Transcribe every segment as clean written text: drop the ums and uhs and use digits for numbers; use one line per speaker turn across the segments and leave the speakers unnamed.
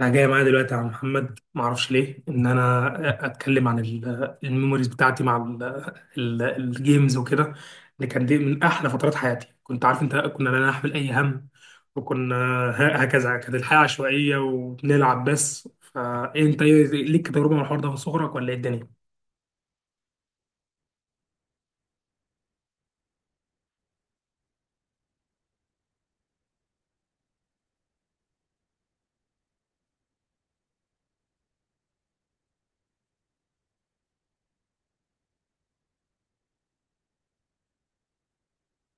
انا جاي معايا دلوقتي يا عم محمد، ما اعرفش ليه ان انا اتكلم عن الميموريز بتاعتي مع الجيمز وكده، اللي كان دي من احلى فترات حياتي. كنت عارف انت، كنا لا نحمل اي هم، وكنا هكذا كانت الحياه عشوائيه وبنلعب بس. فانت ليك تجربه مع الحوار ده من صغرك ولا ايه الدنيا؟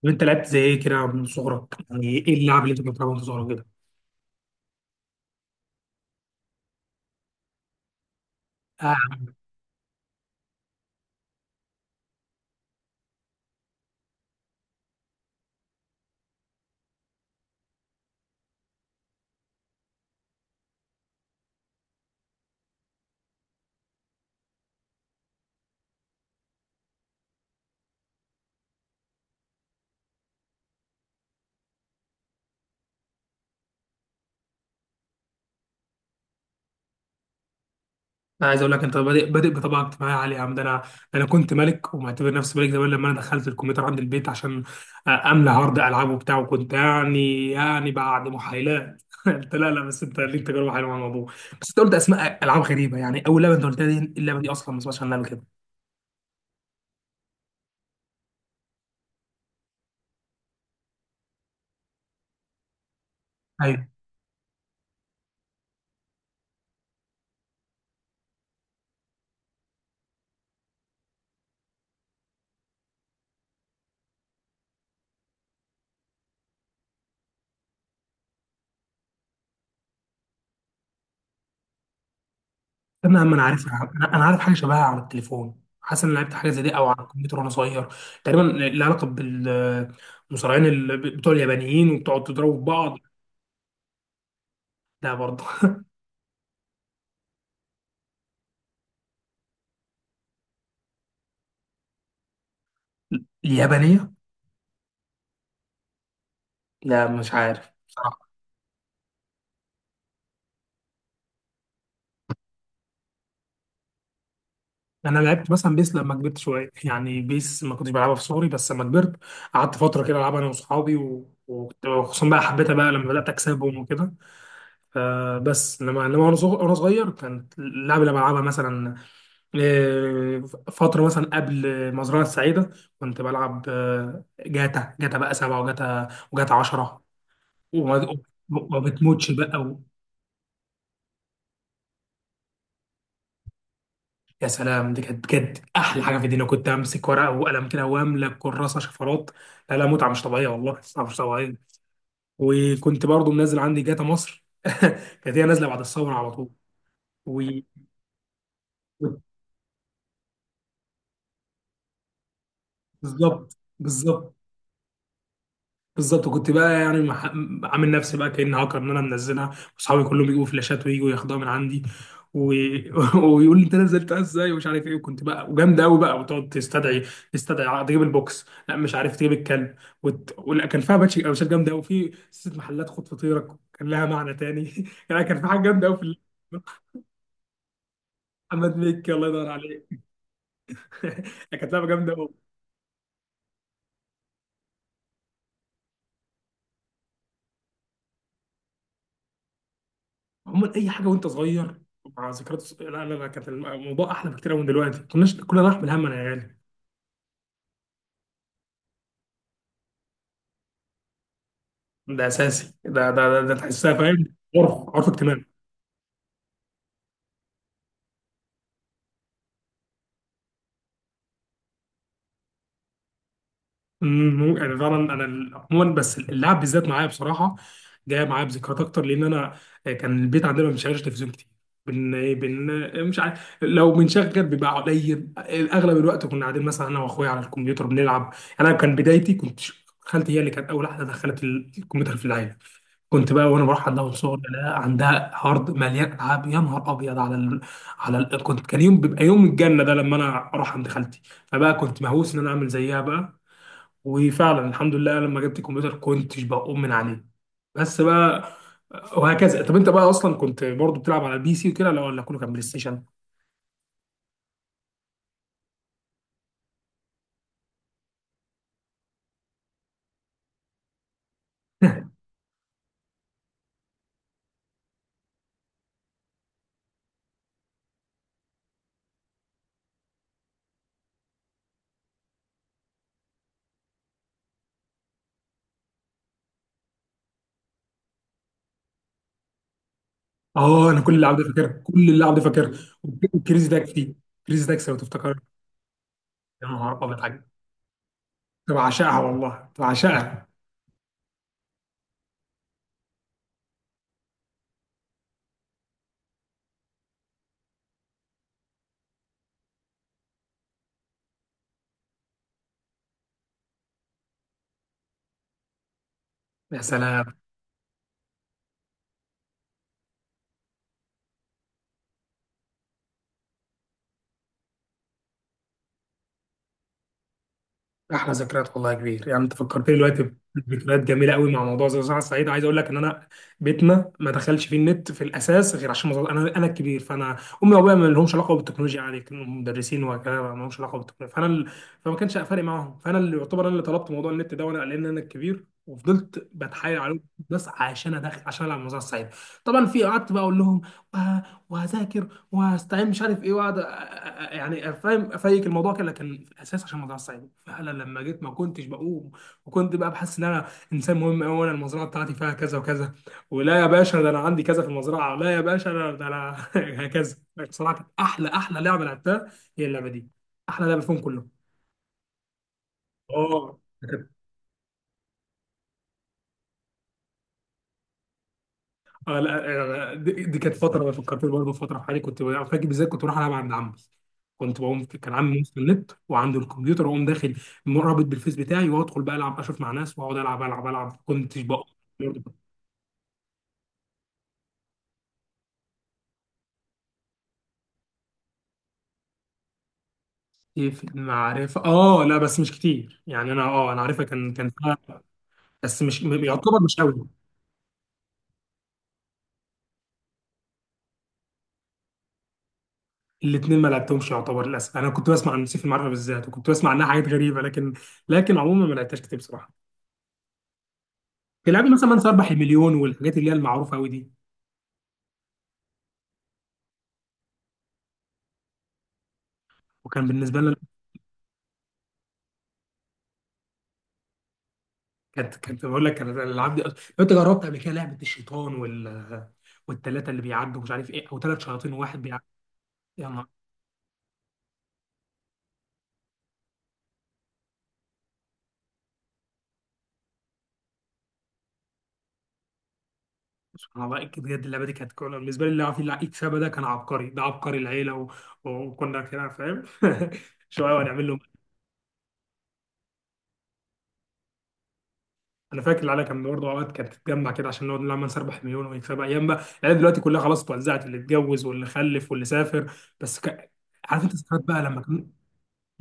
وانت لعبت زي ايه كده من صغرك؟ يعني ايه اللعب اللي انت كنت بتلعبها من صغرك كده؟ انا عايز اقول لك انت بادئ بطبقه اجتماعيه عاليه يا عم. ده انا كنت ملك، ومعتبر نفسي ملك زمان لما انا دخلت الكمبيوتر عند البيت عشان املى هارد العاب وبتاع، وكنت يعني بعد محايلات انت، لا لا، بس انت ليك تجربه حلوه مع الموضوع. بس انت قلت اسماء العاب غريبه، يعني اول لعبه انت قلتها دي، اللعبه دي اصلا ما اسمهاش عنها قبل كده. ايوه، انا اما عارفها، أنا عارف حاجه شبهها على التليفون، حاسس ان أنا لعبت حاجه زي دي او على الكمبيوتر وانا صغير. تقريبا لها علاقه بالمصارعين بتوع اليابانيين وبتقعد تضربوا في بعض. لا برضه. اليابانيه. لا مش عارف بصراحة. انا لعبت مثلا بيس لما كبرت شويه، يعني بيس ما كنتش بلعبها في صغري بس لما كبرت قعدت فتره كده العبها انا واصحابي، وكنت، وخصوصا بقى حبيتها بقى لما بدات اكسبهم وكده. فبس انما وأنا صغير كانت اللعبه اللي بلعبها مثلا، آه، فتره مثلا قبل مزرعه السعيده، كنت بلعب جاتا. بقى سبعة، وجاتا 10. وما وما بتموتش بقى. يا سلام، دي كانت بجد احلى حاجه في الدنيا. كنت امسك ورقه وقلم كده واملى كراسه شفرات. لا لا، متعه مش طبيعيه، والله متعه مش طبيعيه. وكنت برضو منزل عندي جاتا مصر كانت هي نازله بعد الثوره على طول. و... و- بالظبط بالظبط. بالظبط كنت بقى عامل نفسي بقى كأني هاكر ان انا منزلها، واصحابي كلهم يجيبوا فلاشات ويجوا ياخدوها من عندي و... ويقول لي انت نزلتها ازاي ومش عارف ايه، وكنت بقى وجامد قوي بقى، وتقعد تستدعي تجيب البوكس، لا مش عارف، تجيب الكلب ولا. كان فيها باتش قوشات جامده قوي، في ست محلات خد فطيرك كان لها معنى تاني يعني كان في حاجه جامده قوي في محمد مكي، الله يدور عليه. كانت لعبه جامده. عموما اي حاجه وانت صغير مع ذكريات لا لا لا، كانت الموضوع احلى بكتير من دلوقتي. ما كناش كنا نحمل هم انا يا غالي. ده اساسي، ده تحسها، فاهم؟ عرف اجتماعي. يعني فعلا انا عموما، بس اللعب بالذات معايا بصراحه جايه معايا بذكريات اكتر، لان انا كان البيت عندنا ما بنشغلش تلفزيون كتير. بن ايه بن مش عارف، لو بنشغل بيبقى قليل. اغلب الوقت كنا قاعدين مثلا انا واخويا على الكمبيوتر بنلعب. انا كان بدايتي، خالتي هي اللي كانت اول واحده دخلت الكمبيوتر في العيله. كنت بقى وانا بروح عندها من صغري، لا عندها هارد مليان العاب، يا نهار ابيض على كنت، كان يوم بيبقى يوم الجنه ده لما انا اروح عند خالتي. فبقى كنت مهووس ان انا اعمل زيها بقى، وفعلا الحمد لله لما جبت الكمبيوتر كنتش بقوم من عليه بس بقى. وهكذا. طب انت بقى اصلا كنت برضو بتلعب على البي سي وكده، لا، ولا كله كان بلاي ستيشن؟ اه، انا كل اللعب ده فاكرها، كل اللعب ده فاكرها. وكريزي تاكسي، كريزي تاكسي لو تفتكر. يا نهار ابيض حاجه، كنت بعشقها والله، كنت بعشقها. يا سلام، احلى ذكريات والله يا كبير. يعني انت فكرتني دلوقتي بذكريات جميله قوي مع موضوع زي صحه الصعيد. عايز اقول لك ان انا بيتنا ما دخلش فيه النت في الاساس غير عشان مظبط. انا الكبير، فانا امي وابويا ما لهمش علاقه بالتكنولوجيا، يعني كانوا مدرسين وكده، ما لهمش علاقه بالتكنولوجيا. فما كانش فارق معاهم، فانا اللي، يعتبر انا اللي طلبت موضوع النت ده، وانا لان انا الكبير وفضلت بتحايل عليهم بس عشان ادخل عشان العب موضوع الصعيد. طبعا في، قعدت بقى اقول لهم وه- وهذاكر وهستعين مش عارف ايه، واقعد يعني، فاهم افيك الموضوع كده، لكن في الاساس عشان الموضوع صعب فعلا لما جيت ما كنتش بقوم. وكنت بقى بحس ان انا انسان مهم قوي، وانا المزرعه بتاعتي فيها كذا وكذا، ولا يا باشا ده انا عندي كذا في المزرعه، لا يا باشا انا ده انا هكذا. بصراحه كانت احلى لعبه لعبتها هي اللعبه دي، احلى لعبه فيهم كلهم. اه. اه. لا. دي, كانت فتره فكرتني برضه في فتره في حياتي. كنت فاكر بالذات كنت بروح العب عند عمي. كنت بقوم كان عمي موسم النت وعنده الكمبيوتر، واقوم داخل مرابط بالفيس بتاعي، وادخل بقى العب اشوف مع ناس، واقعد العب العب العب، كنتش بقى. برضه. كنت في المعرفه، اه لا، بس مش كتير، يعني انا، اه انا عارفها، كان فيها، بس مش م- يعتبر مش قوي. الاثنين ما لعبتهمش يعتبر، للاسف. انا كنت بسمع عن سيف المعرفه بالذات، وكنت بسمع عنها حاجات غريبه، لكن لكن عموما ما لعبتهاش كتير بصراحه. تلعبي مثلا من 4 مليون والحاجات اللي هي المعروفه قوي دي. وكان بالنسبه لنا، كانت بقول لك، انا الالعاب دي لو انت جربت قبل كده لعبه الشيطان والثلاثه اللي بيعدوا مش عارف ايه، او ثلاث شياطين وواحد بيعدي. يا نهار. سبحان الله، بجد اللعبه دي كانت كولا بالنسبه لي. اللي عارف اللي يكسبها ده كان عبقري، ده عبقري العيله وكنا كده، فاهم؟ شويه ونعمل له. انا فاكر العيله كان برضه اوقات كانت تتجمع كده عشان نقعد نلعب نسربح مليون ونكسبها. ايام بقى. العيله دلوقتي كلها خلاص اتوزعت، اللي اتجوز واللي خلف واللي سافر. بس ك... عارف انت، ذكريات بقى لما،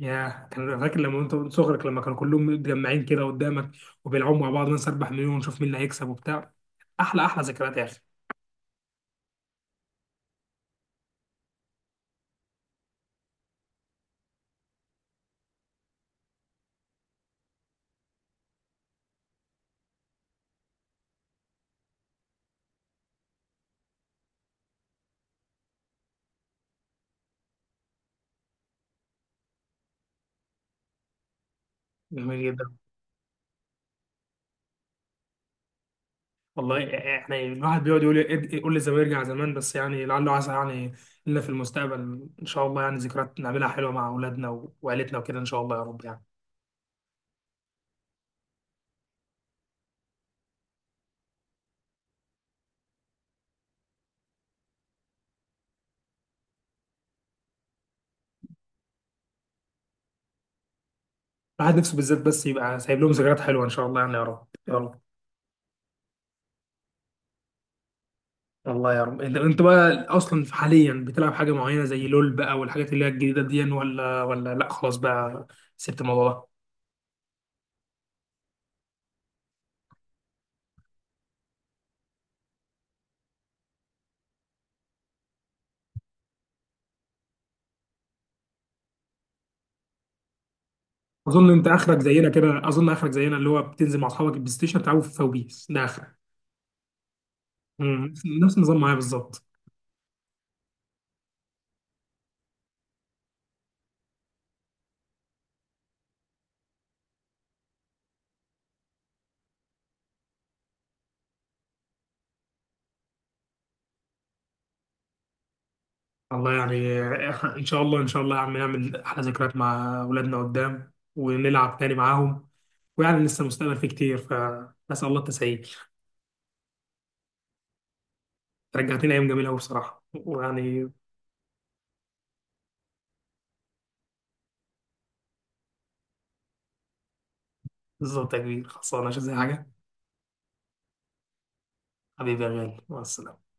ياه، كان فاكر لما انت وانت صغرك لما كانوا كلهم متجمعين كده قدامك وبيلعبوا مع بعض، ننسى 4 مليون ونشوف مين اللي هيكسب وبتاع. احلى احلى ذكريات يا اخي. جميل جدا. والله احنا الواحد بيقعد يقول، يقول لي زمان يرجع زمان، بس يعني لعله عسى يعني لنا في المستقبل ان شاء الله، يعني ذكريات نعملها حلوه مع اولادنا وعيلتنا وكده ان شاء الله يا رب، يعني الواحد نفسه بالذات بس يبقى سايب لهم ذكريات حلوه ان شاء الله، يعني يا رب يا رب. الله يا رب. انت بقى اصلا حاليا بتلعب حاجه معينه زي لول بقى والحاجات اللي هي الجديده دي، ولا، ولا لا خلاص بقى سبت الموضوع ده؟ اظن اخرك زينا، اللي هو بتنزل مع اصحابك البلاي ستيشن تلعبوا في فوبيس، ده اخرك. امم، نفس النظام معايا بالظبط. الله يعني. ان شاء الله ان شاء الله يا عم، نعمل احلى ذكريات مع اولادنا قدام ونلعب تاني معاهم. ويعني لسه المستقبل فيه كتير، فنسال الله التسهيل. رجعتني ايام جميله قوي بصراحه، ويعني، بالظبط يا كبير، خلصانه مش زي حاجه. حبيبي يا غالي مع السلامة.